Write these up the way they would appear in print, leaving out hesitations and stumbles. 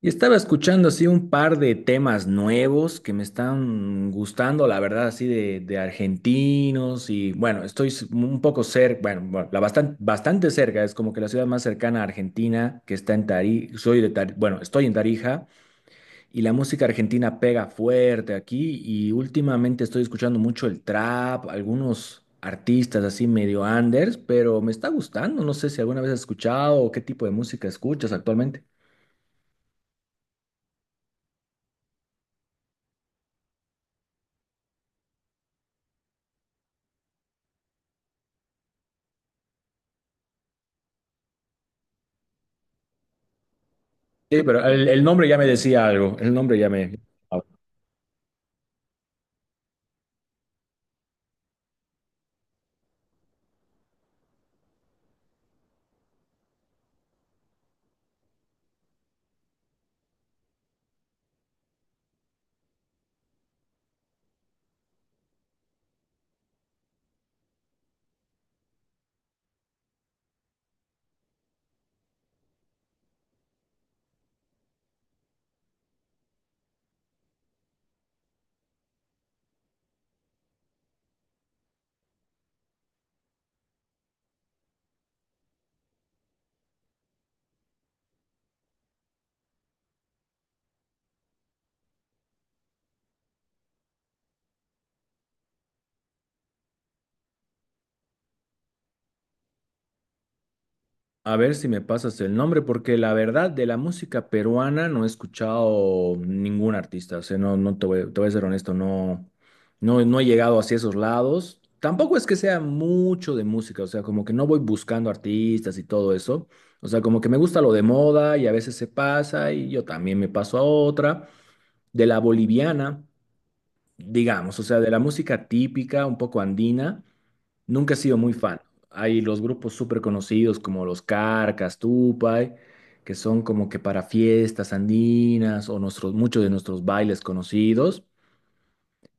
Y estaba escuchando así un par de temas nuevos que me están gustando, la verdad, así de argentinos. Y bueno, estoy un poco cerca, la bastante cerca. Es como que la ciudad más cercana a Argentina, que está en Tarija. Soy de bueno, estoy en Tarija, y la música argentina pega fuerte aquí, y últimamente estoy escuchando mucho el trap, algunos artistas así medio anders, pero me está gustando. No sé si alguna vez has escuchado o qué tipo de música escuchas actualmente. Sí, pero el nombre ya me decía algo. El nombre ya me... A ver si me pasas el nombre, porque la verdad de la música peruana no he escuchado ningún artista. O sea, no, te voy a ser honesto, no, no, no he llegado hacia esos lados. Tampoco es que sea mucho de música, o sea, como que no voy buscando artistas y todo eso. O sea, como que me gusta lo de moda y a veces se pasa y yo también me paso a otra. De la boliviana, digamos, o sea, de la música típica, un poco andina. Nunca he sido muy fan. Hay los grupos súper conocidos como los Carcas, Tupay, que son como que para fiestas andinas o nuestros, muchos de nuestros bailes conocidos.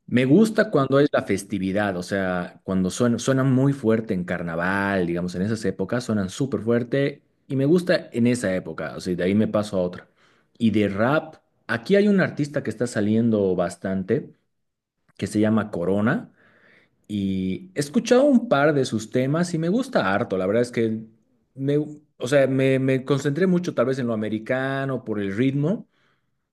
Me gusta cuando es la festividad, o sea, cuando suenan muy fuerte en carnaval, digamos; en esas épocas suenan súper fuerte y me gusta en esa época, o sea, de ahí me paso a otra. Y de rap, aquí hay un artista que está saliendo bastante, que se llama Corona. Y he escuchado un par de sus temas y me gusta harto. La verdad es que me, o sea, me concentré mucho tal vez en lo americano por el ritmo,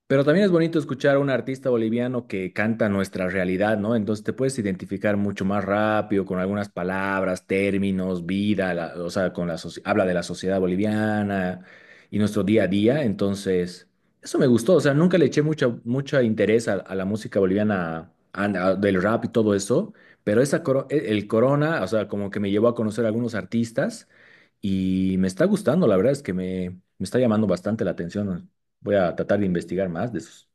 pero también es bonito escuchar a un artista boliviano que canta nuestra realidad, ¿no? Entonces te puedes identificar mucho más rápido con algunas palabras, términos, vida, o sea, con la habla de la sociedad boliviana y nuestro día a día. Entonces, eso me gustó. O sea, nunca le eché mucho, mucho interés a la música boliviana del rap y todo eso, pero esa el Corona, o sea, como que me llevó a conocer a algunos artistas, y me está gustando, la verdad es que me está llamando bastante la atención. Voy a tratar de investigar más de esos.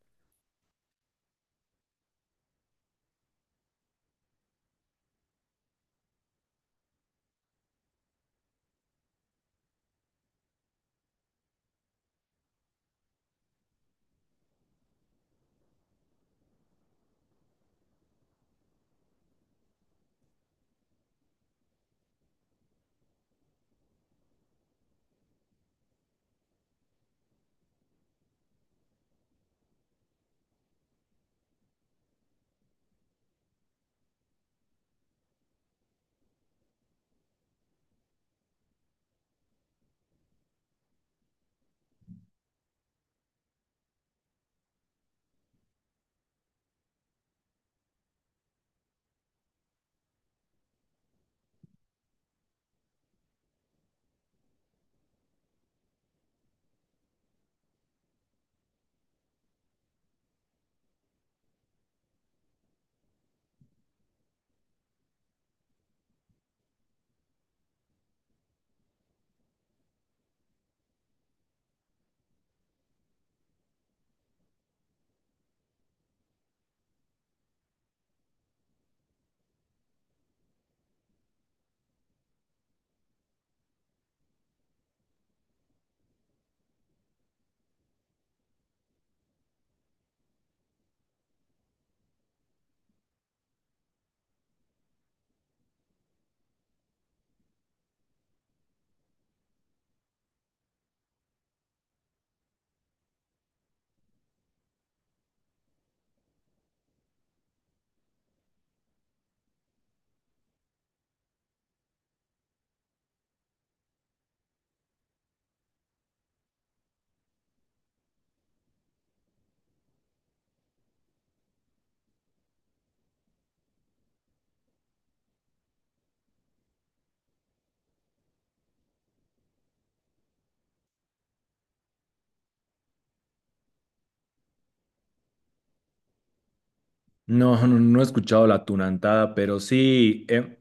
No, no, no he escuchado la tunantada, pero sí,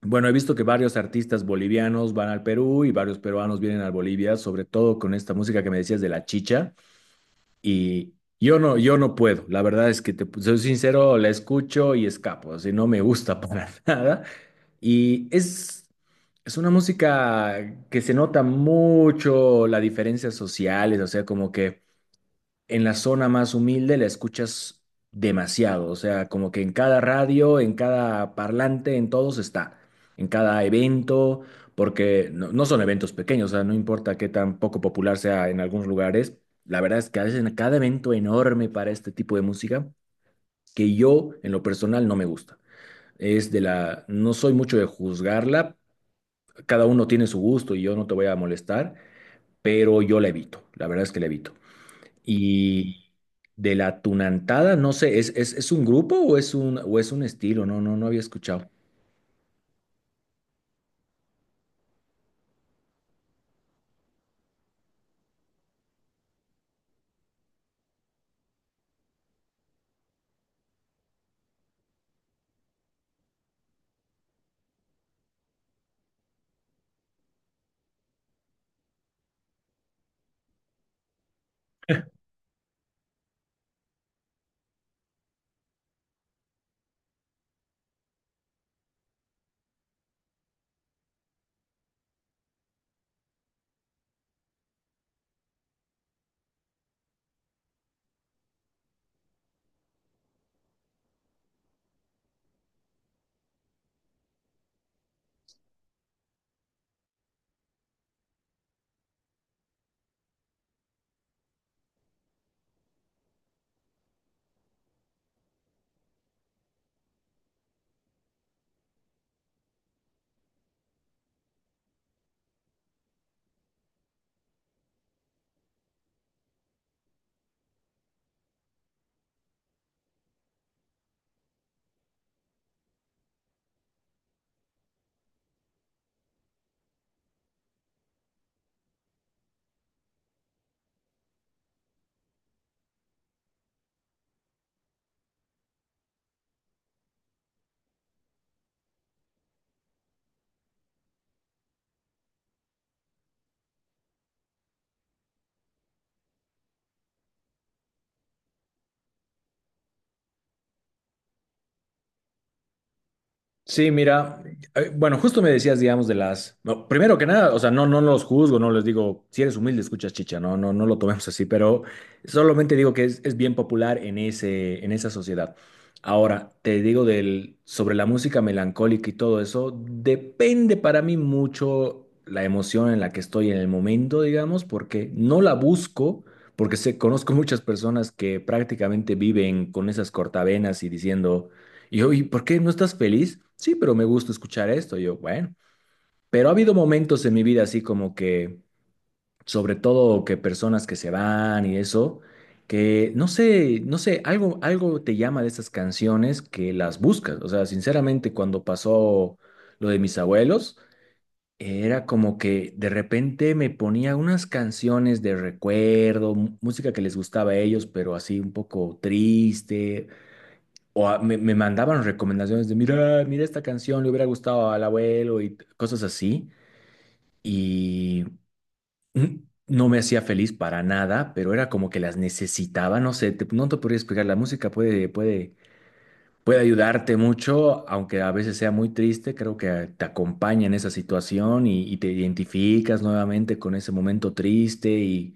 bueno, he visto que varios artistas bolivianos van al Perú y varios peruanos vienen a Bolivia, sobre todo con esta música que me decías de la chicha. Y yo no, yo no puedo, la verdad es que te soy sincero, la escucho y escapo, así no me gusta para nada. Y es una música que se nota mucho las diferencias sociales, o sea, como que... en la zona más humilde la escuchas demasiado, o sea, como que en cada radio, en cada parlante, en todos está, en cada evento, porque no, no son eventos pequeños, o sea, no importa qué tan poco popular sea en algunos lugares, la verdad es que hacen cada evento enorme para este tipo de música que yo en lo personal no me gusta. Es de la, no soy mucho de juzgarla, cada uno tiene su gusto y yo no te voy a molestar, pero yo la evito, la verdad es que la evito. Y de la tunantada, no sé, es un grupo o es un estilo? No, no, no había escuchado. Sí, mira, bueno, justo me decías, digamos, de las. No, primero que nada, o sea, no, no los juzgo, no les digo, si eres humilde, escuchas chicha, no, no, no lo tomemos así, pero solamente digo que es bien popular en ese, en esa sociedad. Ahora, te digo del, sobre la música melancólica y todo eso, depende para mí mucho la emoción en la que estoy en el momento, digamos, porque no la busco, porque sé, conozco muchas personas que prácticamente viven con esas cortavenas y diciendo. Y yo, ¿y por qué no estás feliz? Sí, pero me gusta escuchar esto. Y yo, bueno, pero ha habido momentos en mi vida así como que, sobre todo que personas que se van y eso, que no sé, no sé, algo, algo te llama de esas canciones que las buscas. O sea, sinceramente, cuando pasó lo de mis abuelos, era como que de repente me ponía unas canciones de recuerdo, música que les gustaba a ellos, pero así un poco triste o me mandaban recomendaciones de, mira, mira esta canción, le hubiera gustado al abuelo y cosas así. Y mm, no me hacía feliz para nada, pero era como que las necesitaba. No sé, no te podría explicar. La música puede ayudarte mucho, aunque a veces sea muy triste. Creo que te acompaña en esa situación y te identificas nuevamente con ese momento triste y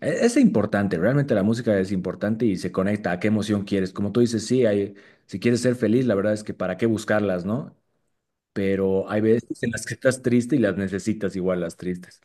es importante, realmente la música es importante y se conecta a qué emoción quieres. Como tú dices, sí, hay, si quieres ser feliz, la verdad es que para qué buscarlas, ¿no? Pero hay veces en las que estás triste y las necesitas igual las tristes.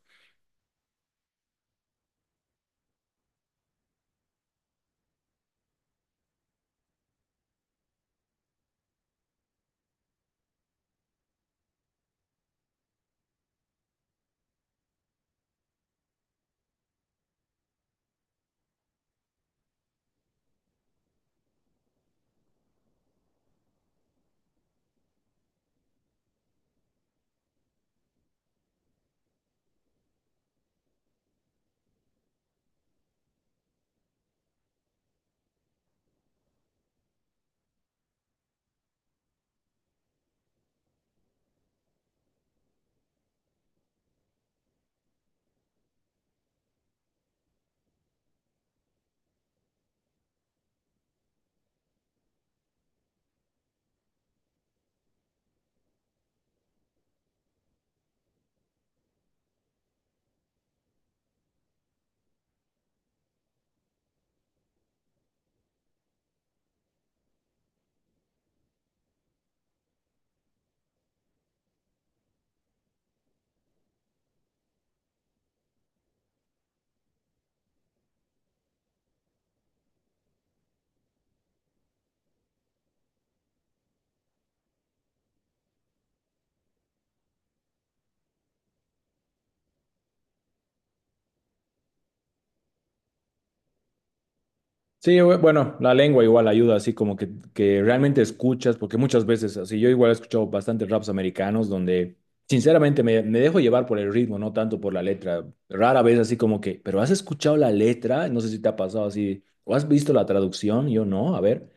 Sí, bueno, la lengua igual ayuda, así como que realmente escuchas, porque muchas veces, así yo igual he escuchado bastantes raps americanos donde sinceramente me dejo llevar por el ritmo, no tanto por la letra. Rara vez así como que, pero ¿has escuchado la letra? No sé si te ha pasado así, o has visto la traducción, yo no, a ver.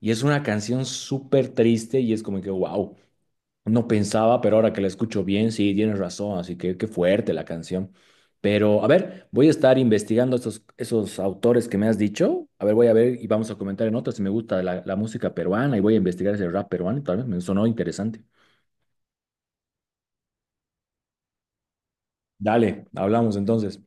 Y es una canción súper triste y es como que, wow. No pensaba, pero ahora que la escucho bien, sí, tienes razón, así que qué fuerte la canción. Pero a ver, voy a estar investigando esos autores que me has dicho. A ver, voy a ver y vamos a comentar en otras si me gusta la música peruana y voy a investigar ese rap peruano, tal vez me sonó interesante. Dale, hablamos entonces.